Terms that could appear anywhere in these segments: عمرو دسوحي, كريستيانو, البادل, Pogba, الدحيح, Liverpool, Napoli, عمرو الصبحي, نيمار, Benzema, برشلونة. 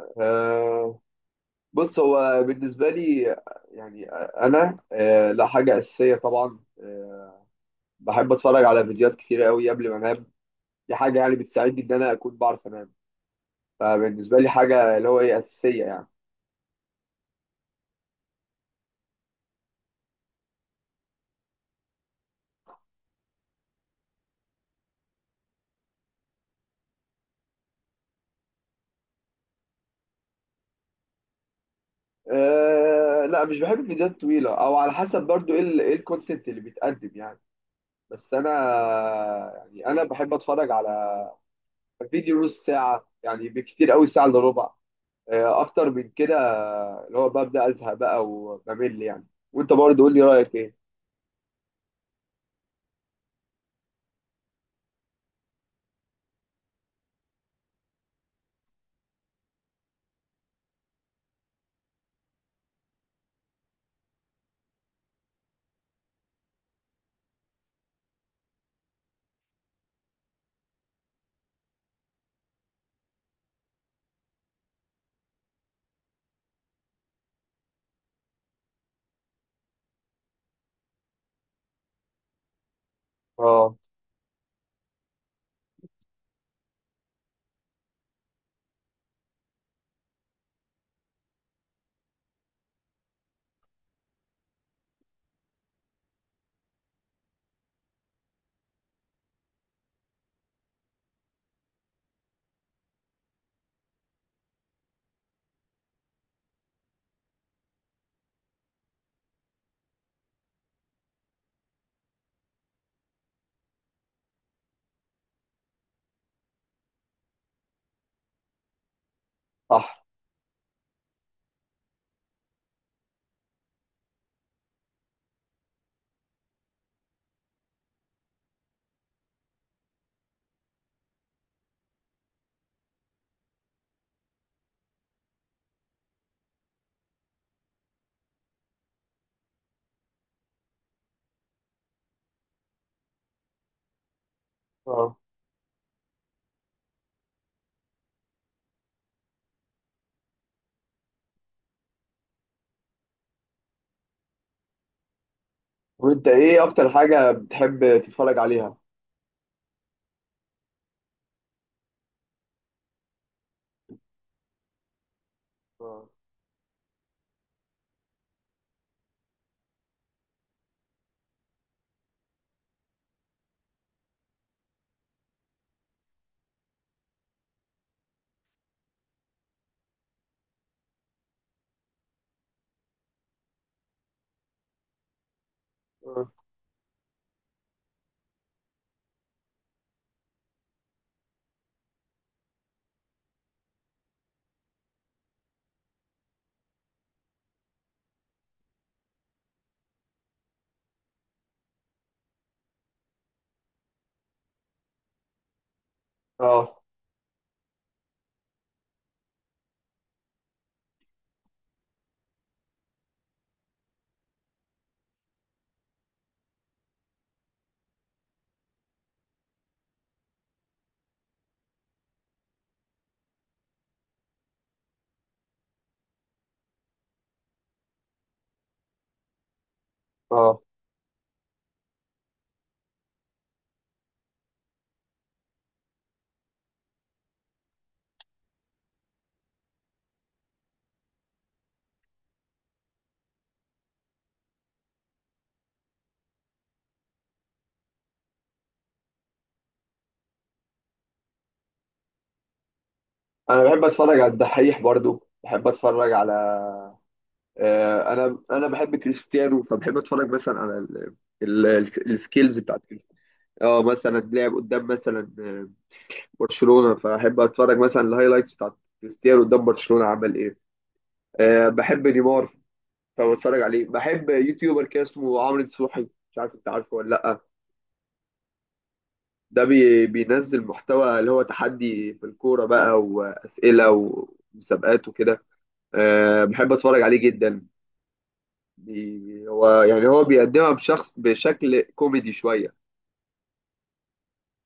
آه، بص، هو بالنسبة لي، أنا، لا، حاجة أساسية طبعا بحب أتفرج على فيديوهات كتير قوي قبل ما أنام. دي حاجة يعني بتساعدني إن أنا أكون بعرف أنام. فبالنسبة لي حاجة اللي هو إيه أساسية يعني. أه، لا، مش بحب الفيديوهات الطويلة، أو على حسب برضو إيه إيه الكونتنت اللي بيتقدم يعني. بس أنا، يعني أنا بحب أتفرج على فيديو نص ساعة، يعني بكتير قوي ساعة إلا ربع. اكتر من كده اللي هو ببدا ازهق بقى وبمل يعني. وانت برضه قول لي رايك ايه؟ اه، صح. اه، وانت، ايه اكتر حاجه بتحب تتفرج عليها؟ اه. اه. اه. آه. انا بحب اتفرج على الدحيح، برضه بحب اتفرج على، انا بحب كريستيانو، فبحب اتفرج مثلا على السكيلز بتاعت كريستيانو. اه، مثلا لعب قدام مثلا برشلونة، فاحب اتفرج مثلا الهايلايتس بتاعت كريستيانو قدام برشلونة عمل ايه. بحب نيمار فبتفرج عليه. بحب يوتيوبر كده اسمه عمرو دسوحي، مش عارف انت عارفه ولا لأ. ده بينزل محتوى اللي هو تحدي في الكورة بقى، وأسئلة ومسابقات وكده. أه، بحب أتفرج عليه جدا. هو يعني، بيقدمها بشخص بشكل كوميدي شوية،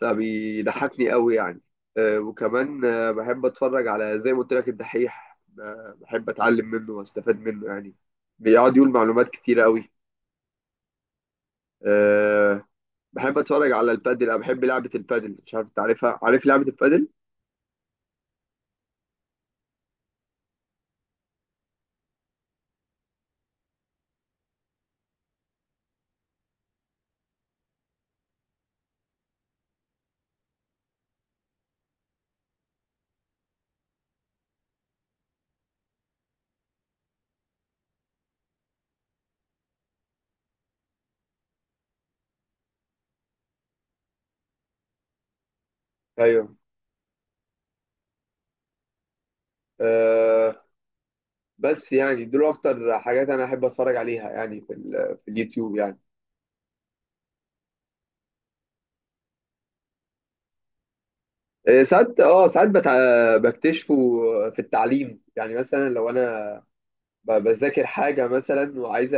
فبيضحكني قوي يعني. أه، وكمان أه بحب أتفرج على، زي ما قلت لك، الدحيح. بحب أتعلم منه وأستفاد منه يعني، بيقعد يقول معلومات كتيرة قوي. آه، بحب اتفرج على البادل، انا بحب لعبه البادل، مش عارف انت عارفها، عارف لعبه البادل. ايوه، أه. بس يعني دول اكتر حاجات انا احب اتفرج عليها يعني في اليوتيوب يعني. ساعات، اه، ساعات بت- آه، بكتشفه في التعليم يعني. مثلا لو انا بذاكر حاجه مثلا، وعايزه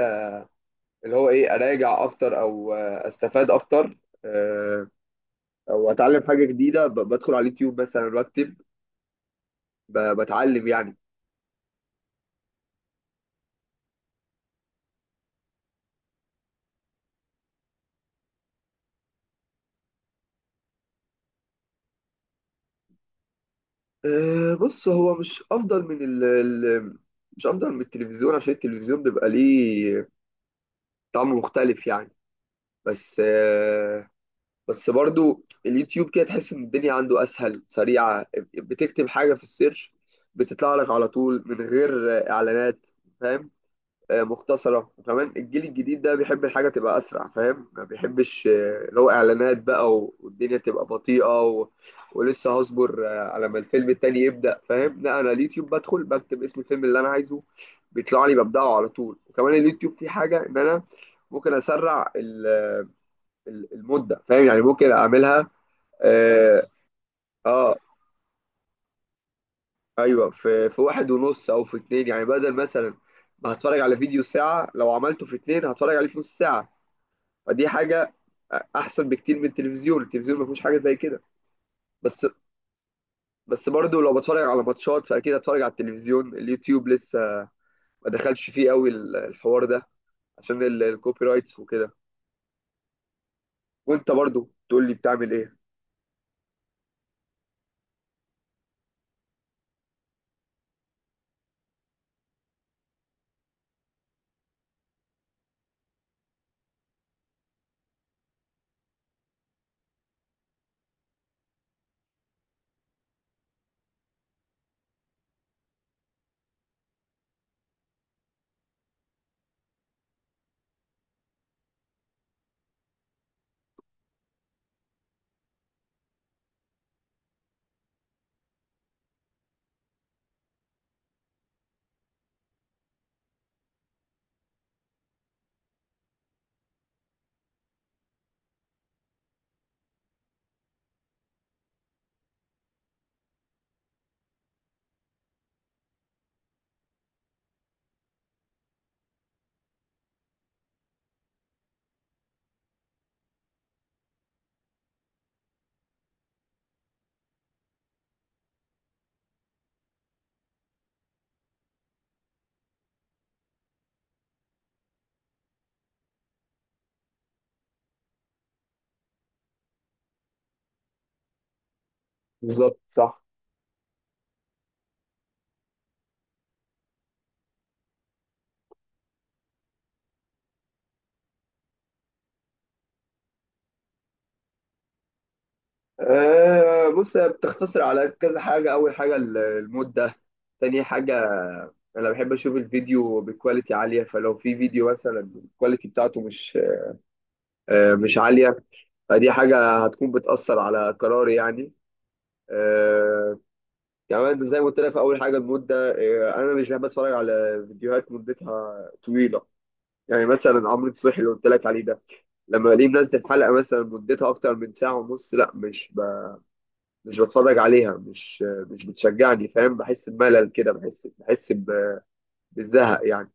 اللي هو ايه اراجع اكتر، او استفاد اكتر، آه، او اتعلم حاجه جديده، بدخل على اليوتيوب مثلا واكتب، بتعلم يعني. أه، بص، هو مش افضل من مش افضل من التلفزيون، عشان التلفزيون بيبقى ليه طعم مختلف يعني. بس أه بس برضو اليوتيوب كده تحس ان الدنيا عنده اسهل، سريعه، بتكتب حاجه في السيرش، بتطلع لك على طول من غير اعلانات، فاهم؟ مختصرة. وكمان الجيل الجديد ده بيحب الحاجة تبقى أسرع، فاهم، ما بيحبش اللي هو إعلانات بقى، والدنيا تبقى بطيئة ولسه هصبر على ما الفيلم التاني يبدأ، فاهم؟ لا، أنا اليوتيوب بدخل بكتب اسم الفيلم اللي أنا عايزه، بيطلع لي، ببدأه على طول. وكمان اليوتيوب فيه حاجة إن أنا ممكن أسرع المدة، فاهم يعني، ممكن أعملها. آه, آه أيوه، في واحد ونص أو في اتنين، يعني بدل مثلا ما هتفرج على فيديو ساعة، لو عملته في اتنين هتفرج عليه في نص ساعة. ودي حاجه احسن بكتير من التلفزيون. التلفزيون ما فيهوش حاجه زي كده. بس بس برضه لو بتفرج على ماتشات فاكيد هتفرج على التلفزيون، اليوتيوب لسه ما دخلش فيه قوي الحوار ده، عشان الكوبي رايتس وكده. وانت برضه تقول لي بتعمل ايه؟ بالظبط، صح. أه، بص، هي بتختصر على كذا حاجه. اول حاجه المده. تاني حاجه، انا بحب اشوف الفيديو بكواليتي عاليه، فلو في فيديو مثلا الكواليتي بتاعته مش عالية، فدي حاجة هتكون بتأثر على قراري يعني. آه، كمان زي ما قلت لك في أول حاجة، المدة. أنا مش بحب أتفرج على فيديوهات مدتها طويلة. يعني مثلا عمرو الصبحي اللي قلت لك عليه ده، لما الاقيه منزل حلقة مثلا مدتها أكتر من ساعة ونص، لا مش بتفرج عليها، مش بتشجعني، فاهم؟ بحس بملل كده، بحس بالزهق يعني.